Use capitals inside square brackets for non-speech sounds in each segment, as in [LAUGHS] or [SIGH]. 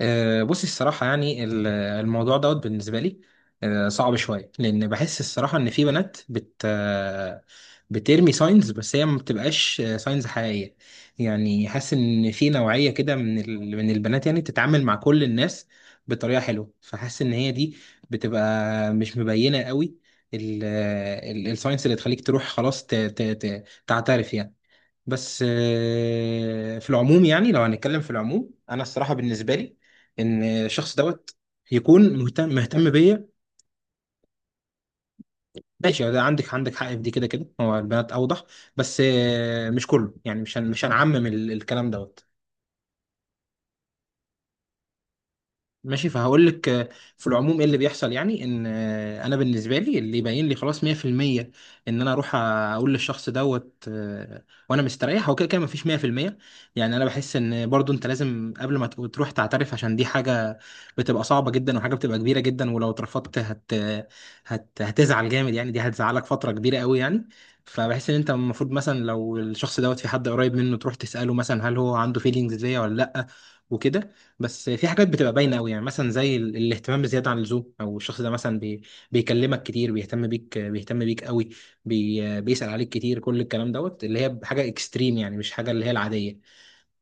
بصي، الصراحة يعني الموضوع دوت بالنسبة لي صعب شوية، لأن بحس الصراحة إن في بنات بت آه، بترمي ساينز بس هي ما بتبقاش ساينز حقيقية. يعني حاسس إن في نوعية كده من البنات يعني بتتعامل مع كل الناس بطريقة حلوة، فحاسس إن هي دي بتبقى مش مبينة قوي، الساينس اللي تخليك تروح خلاص تعترف يعني. بس في العموم، يعني لو هنتكلم في العموم، انا الصراحه بالنسبه لي ان الشخص دوت يكون مهتم مهتم بيا. ماشي، ده عندك حق في دي، كده كده هو البنات اوضح. بس مش كله، يعني مش هنعمم الكلام دوت. ماشي، فهقول لك في العموم ايه اللي بيحصل. يعني ان انا بالنسبه لي اللي يبين لي خلاص 100% ان انا اروح اقول للشخص دوت وانا مستريح، هو كده كده مفيش 100%. يعني انا بحس ان برضو انت لازم قبل ما تروح تعترف، عشان دي حاجه بتبقى صعبه جدا، وحاجه بتبقى كبيره جدا، ولو اترفضت هتزعل جامد، يعني دي هتزعلك فتره كبيره قوي، يعني. فبحس ان انت المفروض مثلا لو الشخص دوت في حد قريب منه، تروح تساله مثلا هل هو عنده فيلينجز ليا ولا لا، وكده. بس في حاجات بتبقى باينه قوي، يعني مثلا زي الاهتمام بزياده عن اللزوم، او الشخص ده مثلا بيكلمك كتير، بيهتم بيك بيهتم بيك قوي، بيسال عليك كتير، كل الكلام دوت اللي هي حاجه اكستريم، يعني مش حاجه اللي هي العاديه.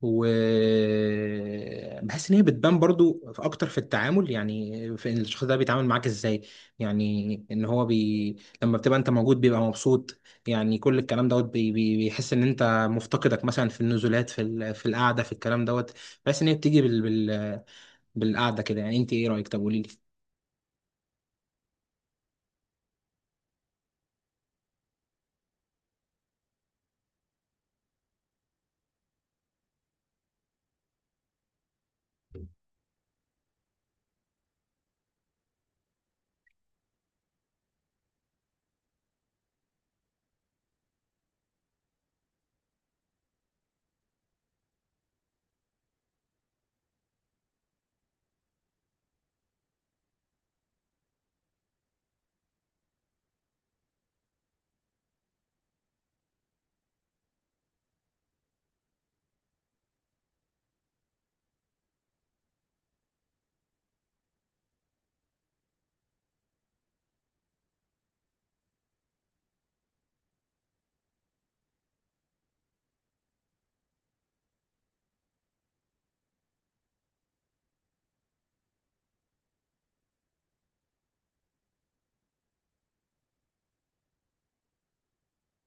وبحس ان هي بتبان برضو في اكتر في التعامل، يعني في إن الشخص ده بيتعامل معاك ازاي. يعني ان هو لما بتبقى انت موجود بيبقى مبسوط، يعني كل الكلام دوت، بي بي بيحس ان انت مفتقدك مثلا في النزولات، في القعده، في الكلام دوت. بحس ان هي بتيجي بالقعده كده، يعني انت ايه رايك؟ طب قولي لي.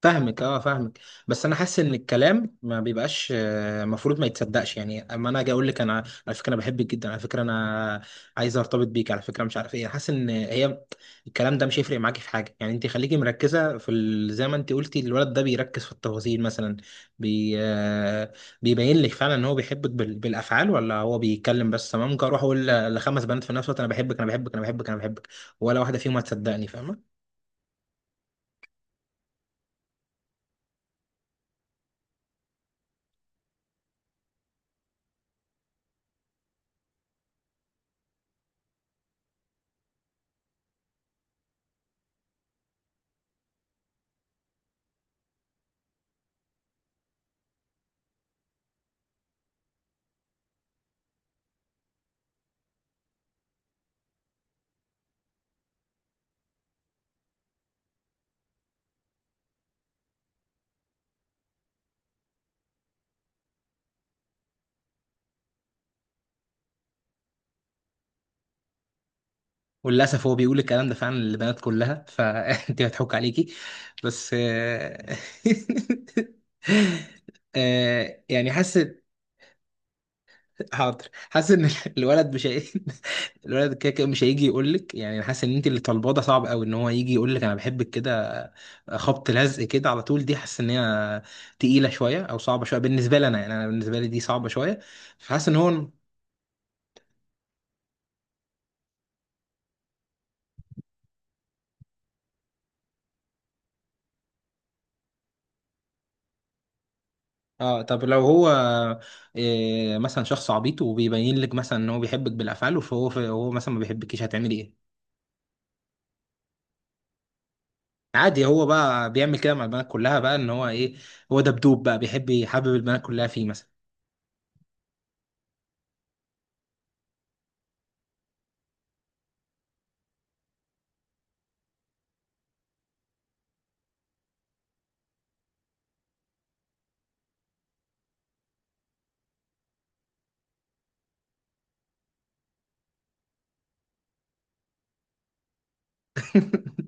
فاهمك، اه، فاهمك. بس انا حاسس ان الكلام ما بيبقاش المفروض ما يتصدقش، يعني اما انا اجي اقول لك انا على فكره انا بحبك جدا، على فكره انا عايز ارتبط بيك، على فكره مش عارف ايه، حاسس ان هي الكلام ده مش هيفرق معاكي في حاجه، يعني انت خليكي مركزه زي ما انت قلتي الولد ده بيركز في التفاصيل مثلا. بي... آه، بيبين لك فعلا ان هو بيحبك بالافعال، ولا هو بيتكلم بس. أنا ممكن اروح اقول لخمس بنات في نفس الوقت انا بحبك انا بحبك انا بحبك انا بحبك، ولا واحده فيهم هتصدقني، فاهمه؟ وللاسف هو بيقول الكلام ده فعلا للبنات كلها، فانت [LAUGHS] هتحك عليكي، بس [LAUGHS] يعني حاسس. حاضر، حاسس ان الولد مش هي... [LAUGHS] الولد كده كده مش هيجي يقول لك، يعني أنا حاسس ان انت اللي طالباه ده صعب قوي، ان هو يجي يقول لك انا بحبك كده خبط لزق كده على طول، دي حاسس ان هي تقيله شويه، او صعبه شويه بالنسبه لي انا، يعني انا بالنسبه لي دي صعبه شويه. فحاسس ان هو، اه طب لو هو إيه مثلا شخص عبيط وبيبين لك مثلا ان هو بيحبك بالافعال، فهو مثلا ما بيحبكيش، هتعملي ايه؟ عادي، هو بقى بيعمل كده مع البنات كلها، بقى ان هو ايه، هو دبدوب بقى بيحب يحبب البنات كلها فيه مثلا. [LAUGHS]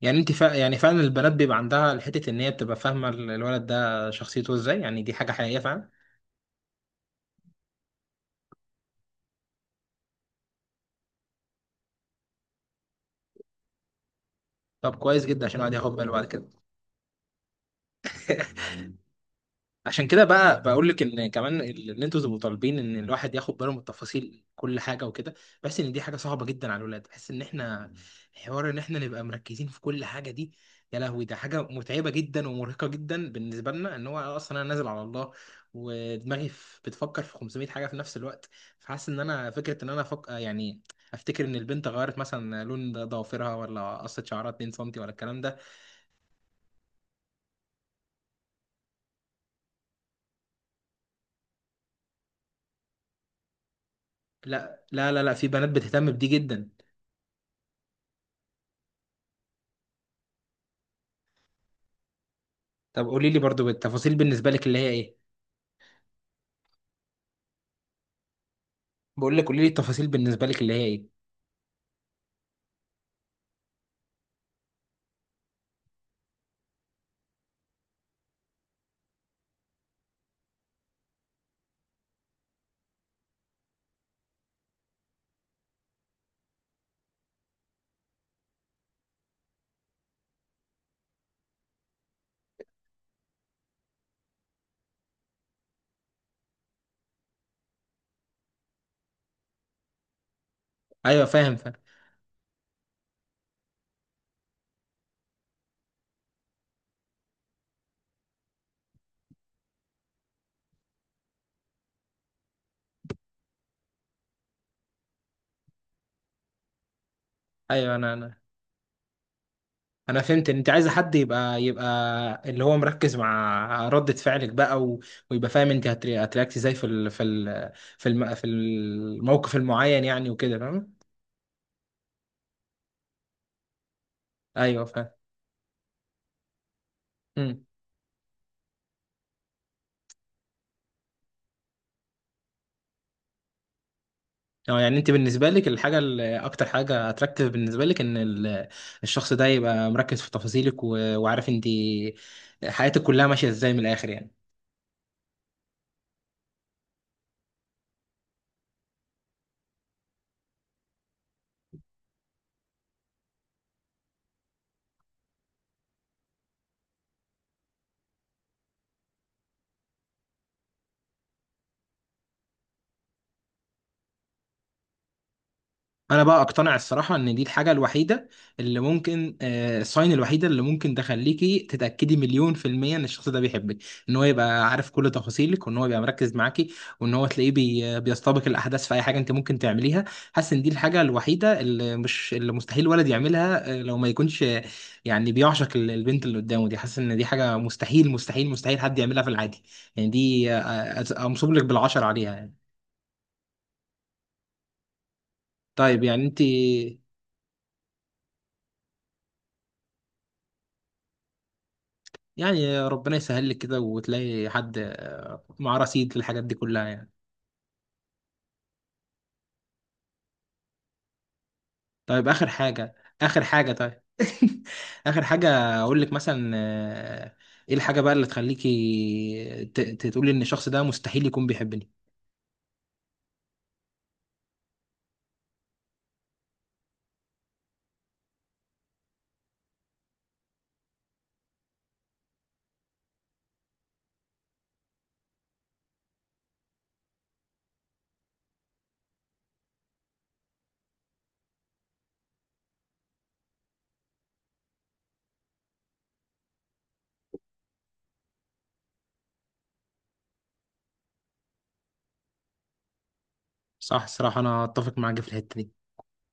يعني فعلا البنات بيبقى عندها حته ان هي بتبقى فاهمه الولد ده شخصيته ازاي، يعني دي حاجه حقيقيه فعلا. طب كويس جدا، عشان الواحد ياخد باله بعد كده. عشان كده بقى بقول لك ان كمان ان انتوا تبقوا طالبين ان الواحد ياخد باله من تفاصيل كل حاجه وكده، بحس ان دي حاجه صعبه جدا على الولاد. بحس ان احنا حوار ان احنا نبقى مركزين في كل حاجه دي، يا لهوي، ده حاجه متعبه جدا ومرهقه جدا بالنسبه لنا. ان هو اصلا انا نازل على الله ودماغي بتفكر في 500 حاجه في نفس الوقت. فحاسس ان انا فكره ان يعني افتكر ان البنت غيرت مثلا لون ضوافرها، ولا قصت شعرها 2 سم، ولا الكلام ده. لا لا لا لا، في بنات بتهتم بدي جدا. طب قولي لي برضو التفاصيل بالنسبه لك اللي هي ايه؟ بقول لك، قولي لي التفاصيل بالنسبه لك اللي هي ايه؟ ايوه، فاهم فاهم. ايوه، انا انا فهمت ان انت عايزه حد يبقى اللي هو مركز مع ردة فعلك بقى، ويبقى فاهم انت هترياكت ازاي في الموقف المعين، يعني وكده، فاهم؟ ايوه فاهم. امم اه، يعني انت بالنسبه لك الحاجه اللي اكتر حاجه اتراكتيف بالنسبه لك ان الشخص ده يبقى مركز في تفاصيلك وعارف انت حياتك كلها ماشيه ازاي من الاخر، يعني. انا بقى اقتنع الصراحه ان دي الحاجه الوحيده اللي ممكن الساين الوحيده اللي ممكن تخليكي تتاكدي مليون في الميه ان الشخص ده بيحبك، ان هو يبقى عارف كل تفاصيلك، وان هو يبقى مركز معاكي، وان هو تلاقيه بيستبق الاحداث في اي حاجه انت ممكن تعمليها. حاسس ان دي الحاجه الوحيده اللي مش اللي مستحيل ولد يعملها، لو ما يكونش يعني بيعشق البنت اللي قدامه دي، حاسس ان دي حاجه مستحيل مستحيل مستحيل حد يعملها في العادي. يعني دي امصب لك بالعشر عليها، يعني. طيب، يعني انت، يعني ربنا يسهل لك كده وتلاقي حد معاه رصيد للحاجات دي كلها، يعني. طيب، اخر حاجه، اخر حاجه، طيب، [LAUGHS] اخر حاجه اقول لك مثلا ايه الحاجه بقى اللي تخليكي تقولي ان الشخص ده مستحيل يكون بيحبني؟ صح، الصراحه انا اتفق معاك في الحته دي.